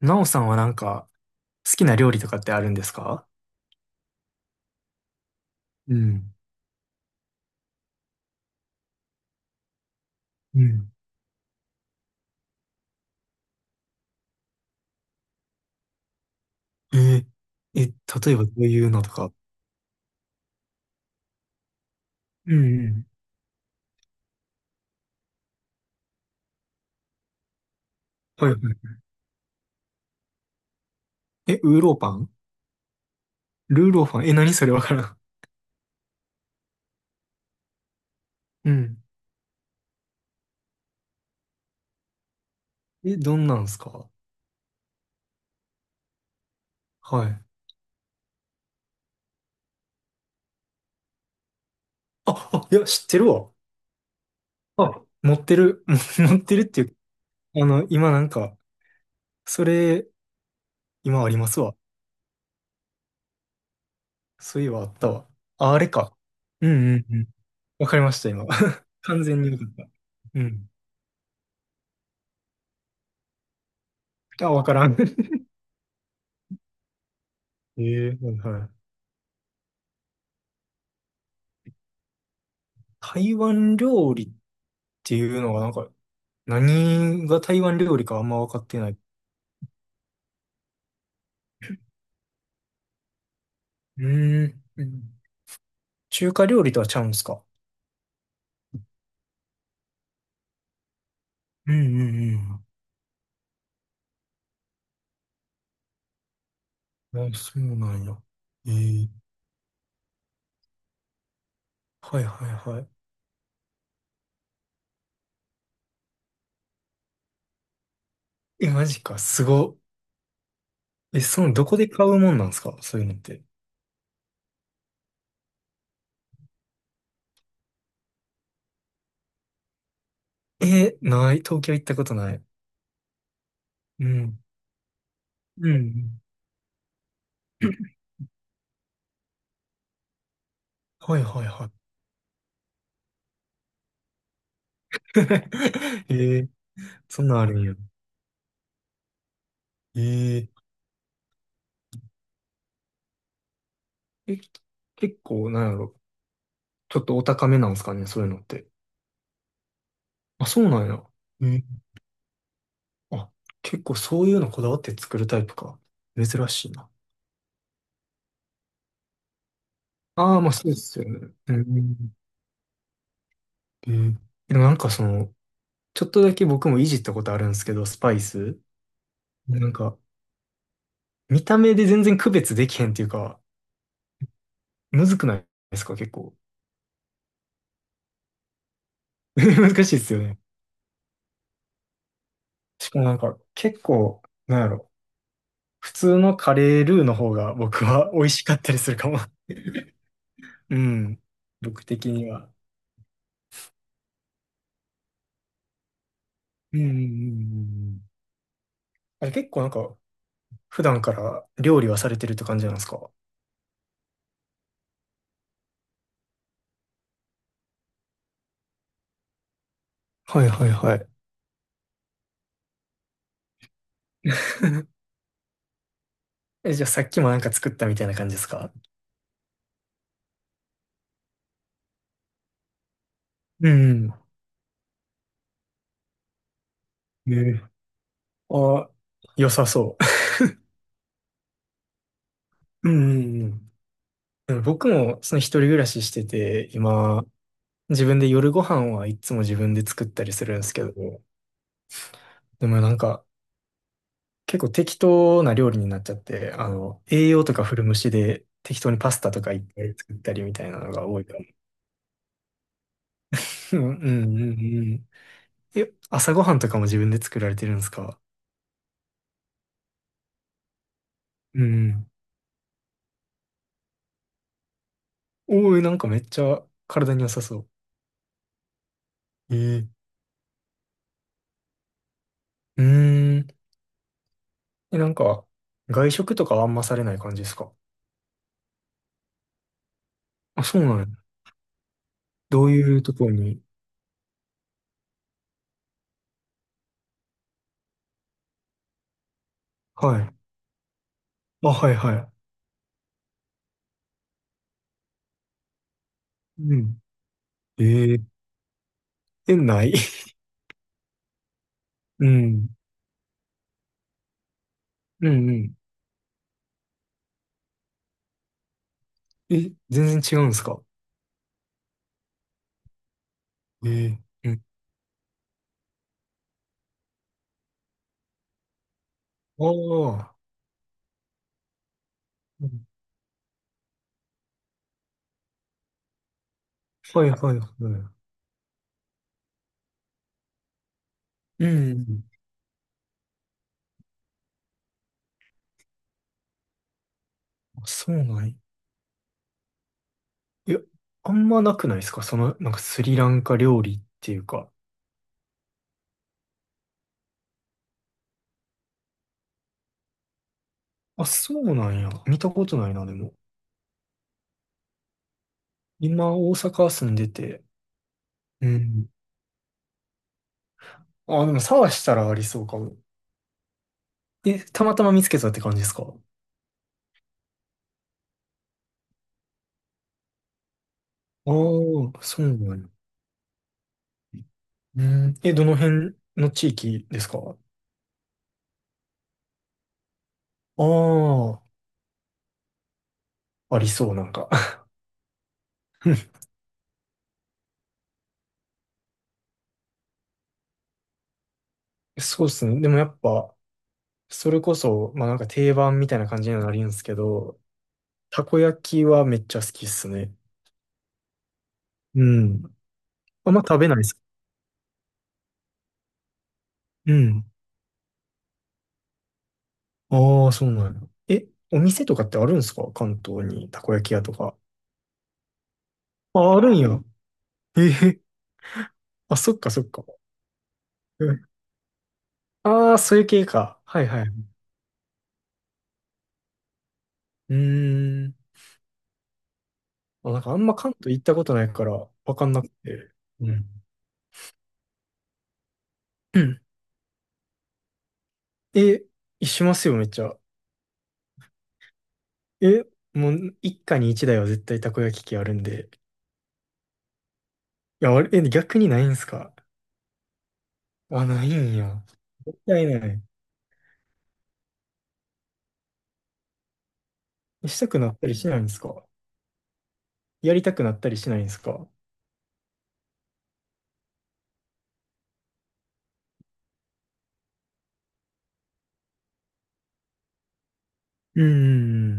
なおさんは好きな料理とかってあるんですか？うん、うん。えー、え、例えばどういうのとか？うん、うん。はいはい。え、ウーローパン、ルーローパン、え、何それ、わからん。うん。え、どんなんすか？はい。あ、あ、いや、知ってるわ。あ、持ってる。持ってるっていう。あの、今なんか、それ、今ありますわ。そういえばあったわ。あ、あれか。うんうんうん。わかりました、今。完全によかった。うん。あ、わからん。ええ、はいはい。台湾料理っていうのがなんか、何が台湾料理かあんま分かってない。うーん。うん。中華料理とはちゃうんですか？うんうんうん。あ、そうなんや。ええ。はいはいはい。え、マジか、すご。え、その、どこで買うもんなんですか、そういうのって。え、ない。東京行ったことない。うん。うんうん。はいはいはい。ええ、そんなんあるんや。ええ。え、結構、なんやろ、ちょっとお高めなんですかね、そういうのって。あ、そうなんや。うん。あ、結構そういうのこだわって作るタイプか。珍しいな。ああ、まあそうですよね。うん。うん。でもなんかその、ちょっとだけ僕もいじったことあるんですけど、スパイス。なんか、見た目で全然区別できへんっていうか、むずくないですか、結構。難しいですよね。しかもなんか、結構、なんやろ、普通のカレールーの方が僕は 美味しかったりするかも。うん。僕的には。うんうんうんうんうん。あれ結構なんか、普段から料理はされてるって感じなんですか？ はいはいはい。え、じゃあさっきもなんか作ったみたいな感じですか？うん。え、あ、良さそう。うんうんうん。でも僕もその一人暮らししてて、今、自分で夜ご飯はいつも自分で作ったりするんですけど、でもなんか結構適当な料理になっちゃって、あの、栄養とか古虫で適当にパスタとかいっぱい作ったりみたいなのが多いから。うんうんうんうん。え、朝ごはんとかも自分で作られてるんですか？うん。おー、なんかめっちゃ体に良さそう。えー、うーん。え、なんか、外食とかはあんまされない感じですか？あ、そうなんや。どういうところに？はい。あ、はいはい。うん。ええ。え、ない。 うん。うんうん。え、全然違うんですか？えー。うん。ああ。うん。はいはいはい。うん。あ、そうなんや。いや、あんまなくないですか、その、なんかスリランカ料理っていうか。あ、そうなんや。見たことないな、でも。今、大阪住んでて。うん。あ、でも探したらありそうかも。え、たまたま見つけたって感じですか？ああー、そうなんや。うん。え、どの辺の地域ですか？ああ、ありそう、なんか。そうっすね。でもやっぱ、それこそ、まあなんか定番みたいな感じにはなるんですけど、たこ焼きはめっちゃ好きっすね。うん。あんま食べないっす。うん。ああ、そうなんや。え、お店とかってあるんですか、関東に、たこ焼き屋とか。あ、あるんや。ええ、あ、そっかそっか。ああー、そういう系か。はいはい。うーん。あ、なんかあんま関東行ったことないからわかんなくて。うん。うん。え、しますよ、めっちゃ。え、もう一家に一台は絶対たこ焼き器あるんで。いや、あれ、え、逆にないんすか？あ、ないんや。絶対ない。したくなったりしないんですか？やりたくなったりしないんですか？うー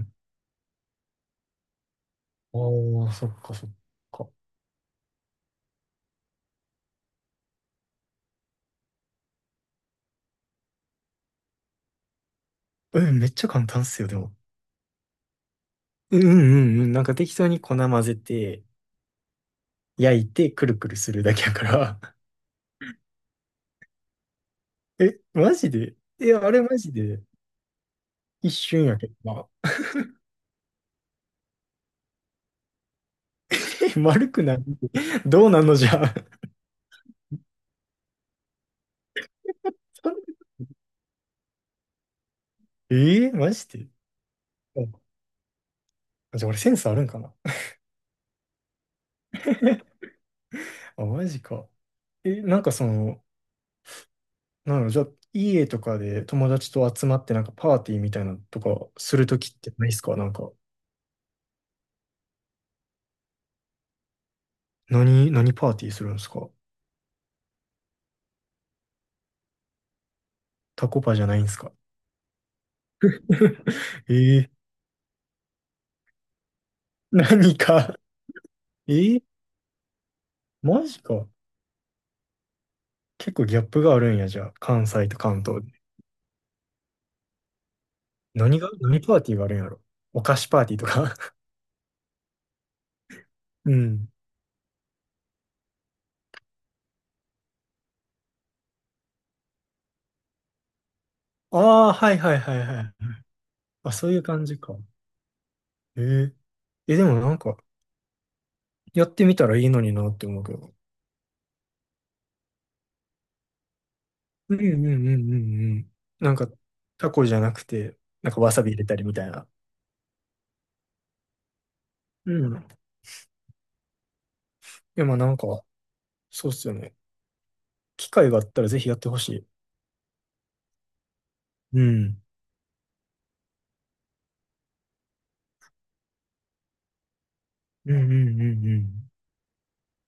ん。ああ、そっかそっか。え、めっちゃ簡単っすよ、でも。うんうんうん。なんか適当に粉混ぜて、焼いて、くるくるするだけやから。え、マジで、いや、あれマジで一瞬やけどな。え、丸くない？ どうなんのじゃあ。えー、マジで。あ、じゃあ俺センスあるんかな。あ、マジか。え、なんかその、なんだろう、じゃあ、家とかで友達と集まってなんかパーティーみたいなのとかするときってないっすか、なんか。何、何パーティーするんですか？タコパじゃないんですか？ えー、何か。え、マジか。結構ギャップがあるんや、じゃあ。関西と関東で。何が、何パーティーがあるんやろ。お菓子パーティーとか？ うん。ああ、はいはいはいはい。あ、そういう感じか。ええ。え、でもなんか、やってみたらいいのになって思うけど。うんうんうんうんうん。なんか、タコじゃなくて、なんかわさび入れたりみたいな。うん。いや、まあなんか、そうっすよね。機会があったらぜひやってほしい。うん。うんうんうんうん。